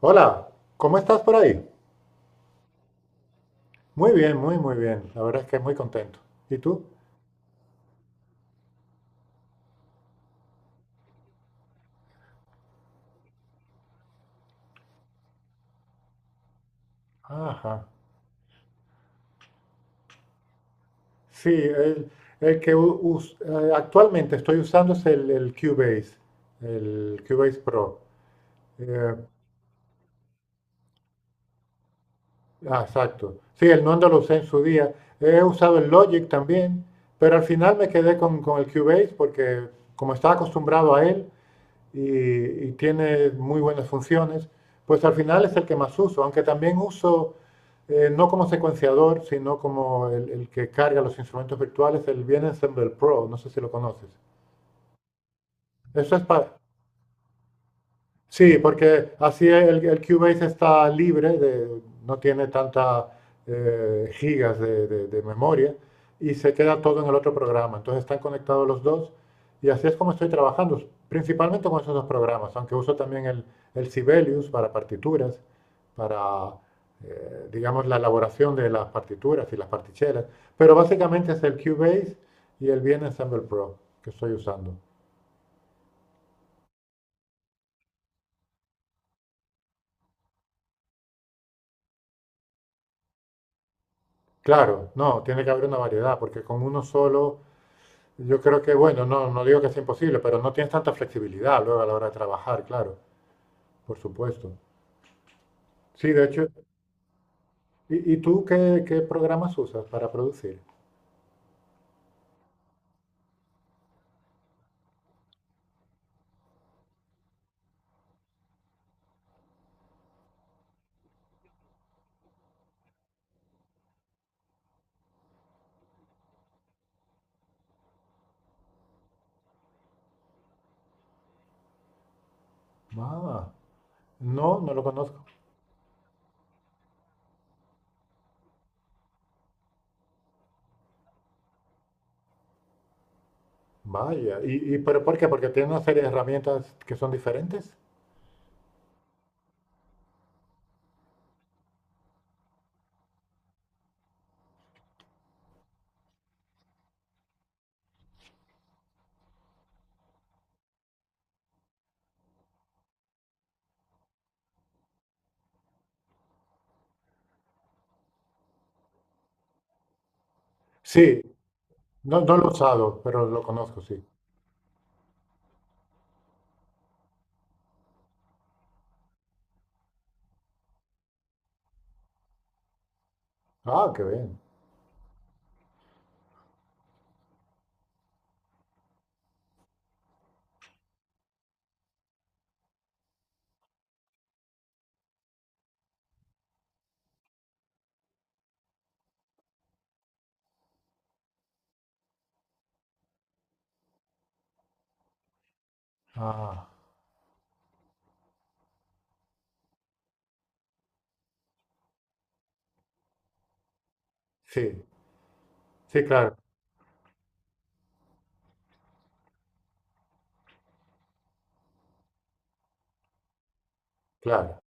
Hola, ¿cómo estás por ahí? Muy bien, muy, muy bien. La verdad es que muy contento. ¿Y tú? Ajá. Sí, el que actualmente estoy usando es el Cubase Pro. Eh, exacto. Sí, el Nondo lo usé en su día. He usado el Logic también, pero al final me quedé con el Cubase porque como estaba acostumbrado a él, y tiene muy buenas funciones, pues al final es el que más uso, aunque también uso no como secuenciador, sino como el que carga los instrumentos virtuales, el Bien Ensemble Pro, no sé si lo conoces. Eso es para, sí, porque así el Cubase está libre, no tiene tantas gigas de, de memoria y se queda todo en el otro programa. Entonces están conectados los dos y así es como estoy trabajando, principalmente con esos dos programas, aunque uso también el Sibelius para partituras, para, digamos, la elaboración de las partituras y las partichelas. Pero básicamente es el Cubase y el VN Ensemble Pro que estoy usando. Claro, no, tiene que haber una variedad, porque con uno solo yo creo que, bueno, no, no digo que sea imposible, pero no tienes tanta flexibilidad luego a la hora de trabajar, claro, por supuesto. Sí, de hecho, y tú qué, qué programas usas para producir? Ah, no, no lo conozco. Vaya, y pero por qué? Porque tiene una serie de herramientas que son diferentes. Sí, no, no lo he usado, pero lo conozco, sí. Ah, qué bien. Ah, sí, sí, claro, claro.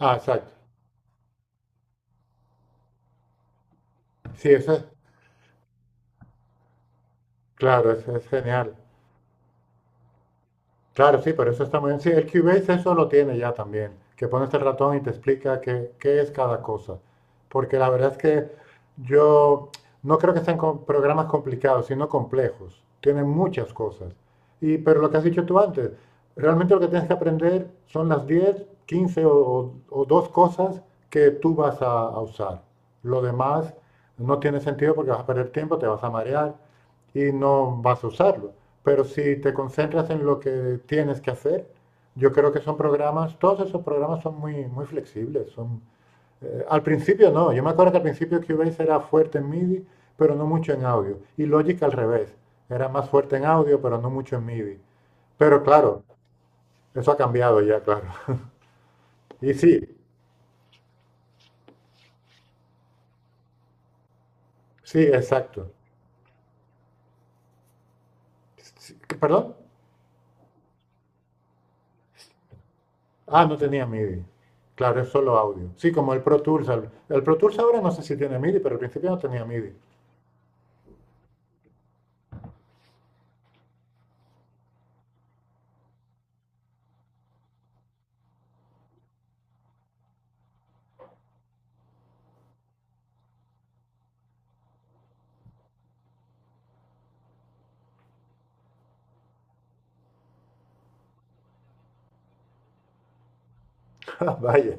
Ah, exacto. Sí, eso es, claro, eso es genial. Claro, sí, pero eso está muy bien. Sí, el Cubase eso lo tiene ya también, que pones el ratón y te explica qué, qué es cada cosa. Porque la verdad es que yo no creo que sean programas complicados, sino complejos. Tienen muchas cosas. Y, pero lo que has dicho tú antes, realmente lo que tienes que aprender son las 10, 15 o, o dos cosas que tú vas a usar. Lo demás no tiene sentido porque vas a perder tiempo, te vas a marear y no vas a usarlo. Pero si te concentras en lo que tienes que hacer, yo creo que son programas, todos esos programas son muy, muy flexibles. Son, al principio no, yo me acuerdo que al principio Cubase era fuerte en MIDI, pero no mucho en audio. Y Logic al revés, era más fuerte en audio, pero no mucho en MIDI. Pero claro, eso ha cambiado ya, claro. Y sí, sí, exacto. Sí, ¿perdón? Ah, no tenía MIDI. Claro, es solo audio. Sí, como el Pro Tools. El Pro Tools ahora no sé si tiene MIDI, pero al principio no tenía MIDI. Ah, vaya,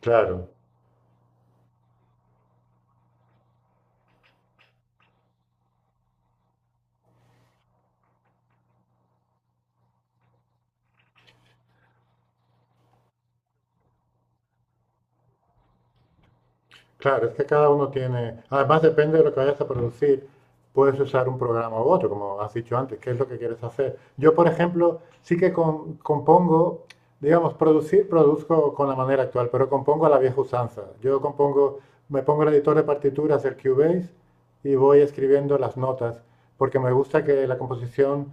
claro. Claro, es que cada uno tiene, además depende de lo que vayas a producir, puedes usar un programa u otro, como has dicho antes, qué es lo que quieres hacer. Yo, por ejemplo, sí que compongo, digamos, producir, produzco con la manera actual, pero compongo a la vieja usanza. Yo compongo, me pongo el editor de partituras, el Cubase, y voy escribiendo las notas, porque me gusta que la composición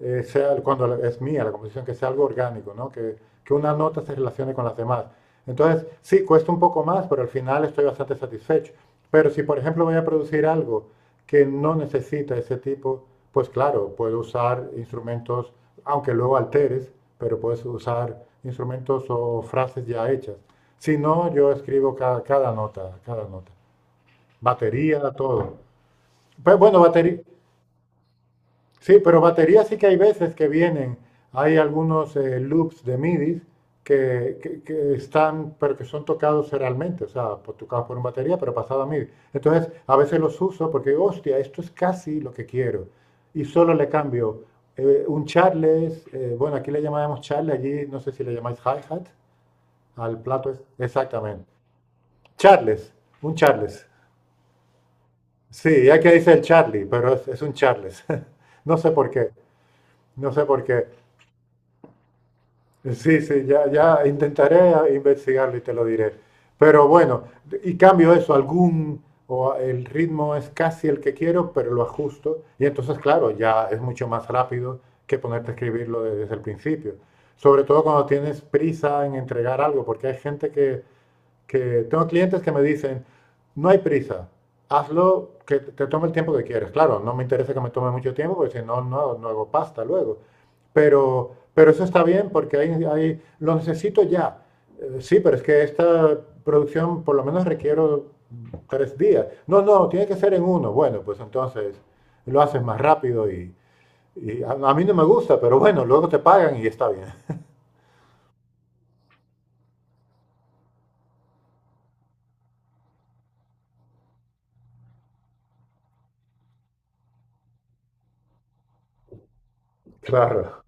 sea, cuando es mía, la composición, que sea algo orgánico, ¿no? Que una nota se relacione con las demás. Entonces, sí, cuesta un poco más, pero al final estoy bastante satisfecho. Pero si, por ejemplo, voy a producir algo que no necesita ese tipo, pues claro, puedo usar instrumentos, aunque luego alteres, pero puedes usar instrumentos o frases ya hechas. Si no, yo escribo cada, cada nota, cada nota. Batería, todo. Pues bueno, batería. Sí, pero baterías sí que hay veces que vienen. Hay algunos loops de MIDI que están, pero que son tocados serialmente, o sea, tocados por una batería, pero pasado a MIDI. Entonces, a veces los uso porque digo, hostia, esto es casi lo que quiero. Y solo le cambio un charles, bueno, aquí le llamamos charle, allí no sé si le llamáis hi-hat, al plato es, exactamente. Charles, un charles. Sí, ya que dice el Charlie, pero es un charles. No sé por qué, no sé por qué. Sí, sí, ya, ya intentaré investigarlo y te lo diré. Pero bueno, y cambio eso, algún, o el ritmo es casi el que quiero, pero lo ajusto. Y entonces, claro, ya es mucho más rápido que ponerte a escribirlo desde el principio. Sobre todo cuando tienes prisa en entregar algo, porque hay gente que tengo clientes que me dicen, no hay prisa, hazlo que te tome el tiempo que quieres. Claro, no me interesa que me tome mucho tiempo porque si no, no hago pasta luego. Pero eso está bien porque ahí, ahí lo necesito ya. Sí, pero es que esta producción por lo menos requiero tres días. No, no, tiene que ser en uno. Bueno, pues entonces lo haces más rápido y a mí no me gusta, pero bueno, luego te pagan y está bien. Claro,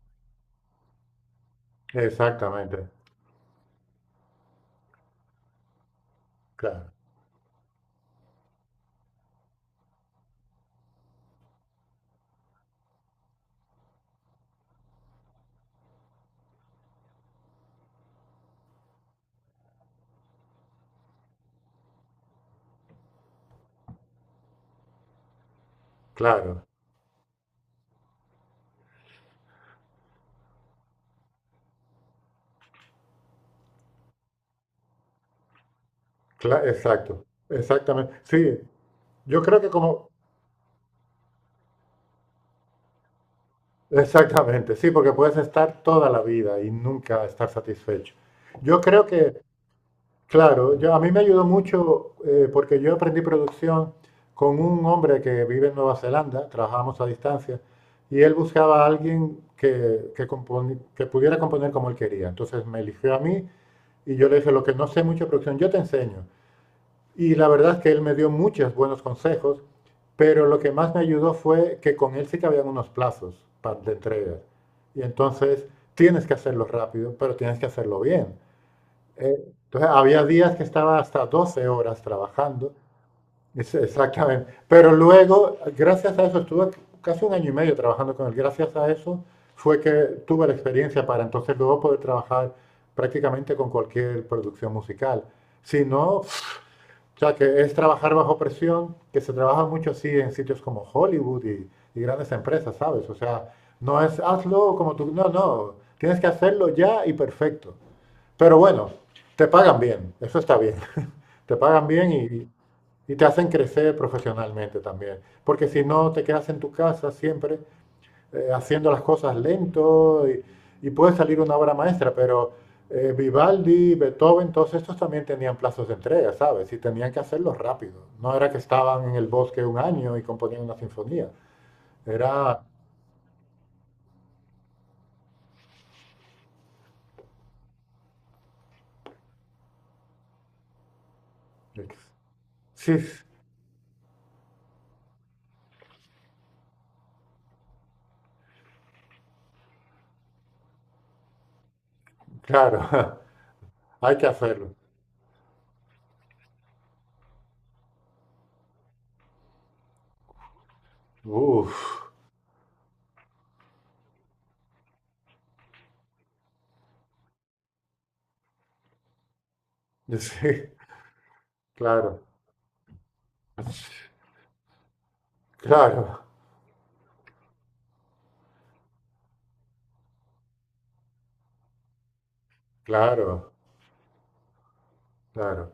exactamente. Claro, claro. Exacto, exactamente. Sí, yo creo que como, exactamente, sí, porque puedes estar toda la vida y nunca estar satisfecho. Yo creo que, claro, yo, a mí me ayudó mucho porque yo aprendí producción con un hombre que vive en Nueva Zelanda, trabajábamos a distancia, y él buscaba a alguien que pudiera componer como él quería. Entonces me eligió a mí y yo le dije, lo que no sé mucho de producción, yo te enseño. Y la verdad es que él me dio muchos buenos consejos, pero lo que más me ayudó fue que con él sí que habían unos plazos de entrega. Y entonces tienes que hacerlo rápido, pero tienes que hacerlo bien. Eh, entonces había días que estaba hasta 12 horas trabajando, exactamente. Pero luego, gracias a eso, estuve casi 1 año y medio trabajando con él. Gracias a eso fue que tuve la experiencia para entonces luego poder trabajar prácticamente con cualquier producción musical. Si no, o sea, que es trabajar bajo presión, que se trabaja mucho así en sitios como Hollywood y grandes empresas, ¿sabes? O sea, no es hazlo como tú, no, no, tienes que hacerlo ya y perfecto. Pero bueno, te pagan bien, eso está bien, te pagan bien y te hacen crecer profesionalmente también, porque si no te quedas en tu casa siempre haciendo las cosas lento y puede salir una obra maestra, pero Vivaldi, Beethoven, todos estos también tenían plazos de entrega, ¿sabes? Y tenían que hacerlo rápido. No era que estaban en el bosque un año y componían una sinfonía. Era... Sí, claro, hay que hacerlo. Uf, sí, claro, claro, claro, claro.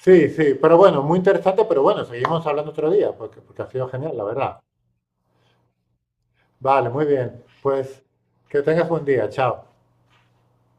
Sí, sí, pero bueno, muy interesante, pero bueno, seguimos hablando otro día, porque, porque ha sido genial, la verdad. Vale, muy bien. Pues que tengas buen día. Chao.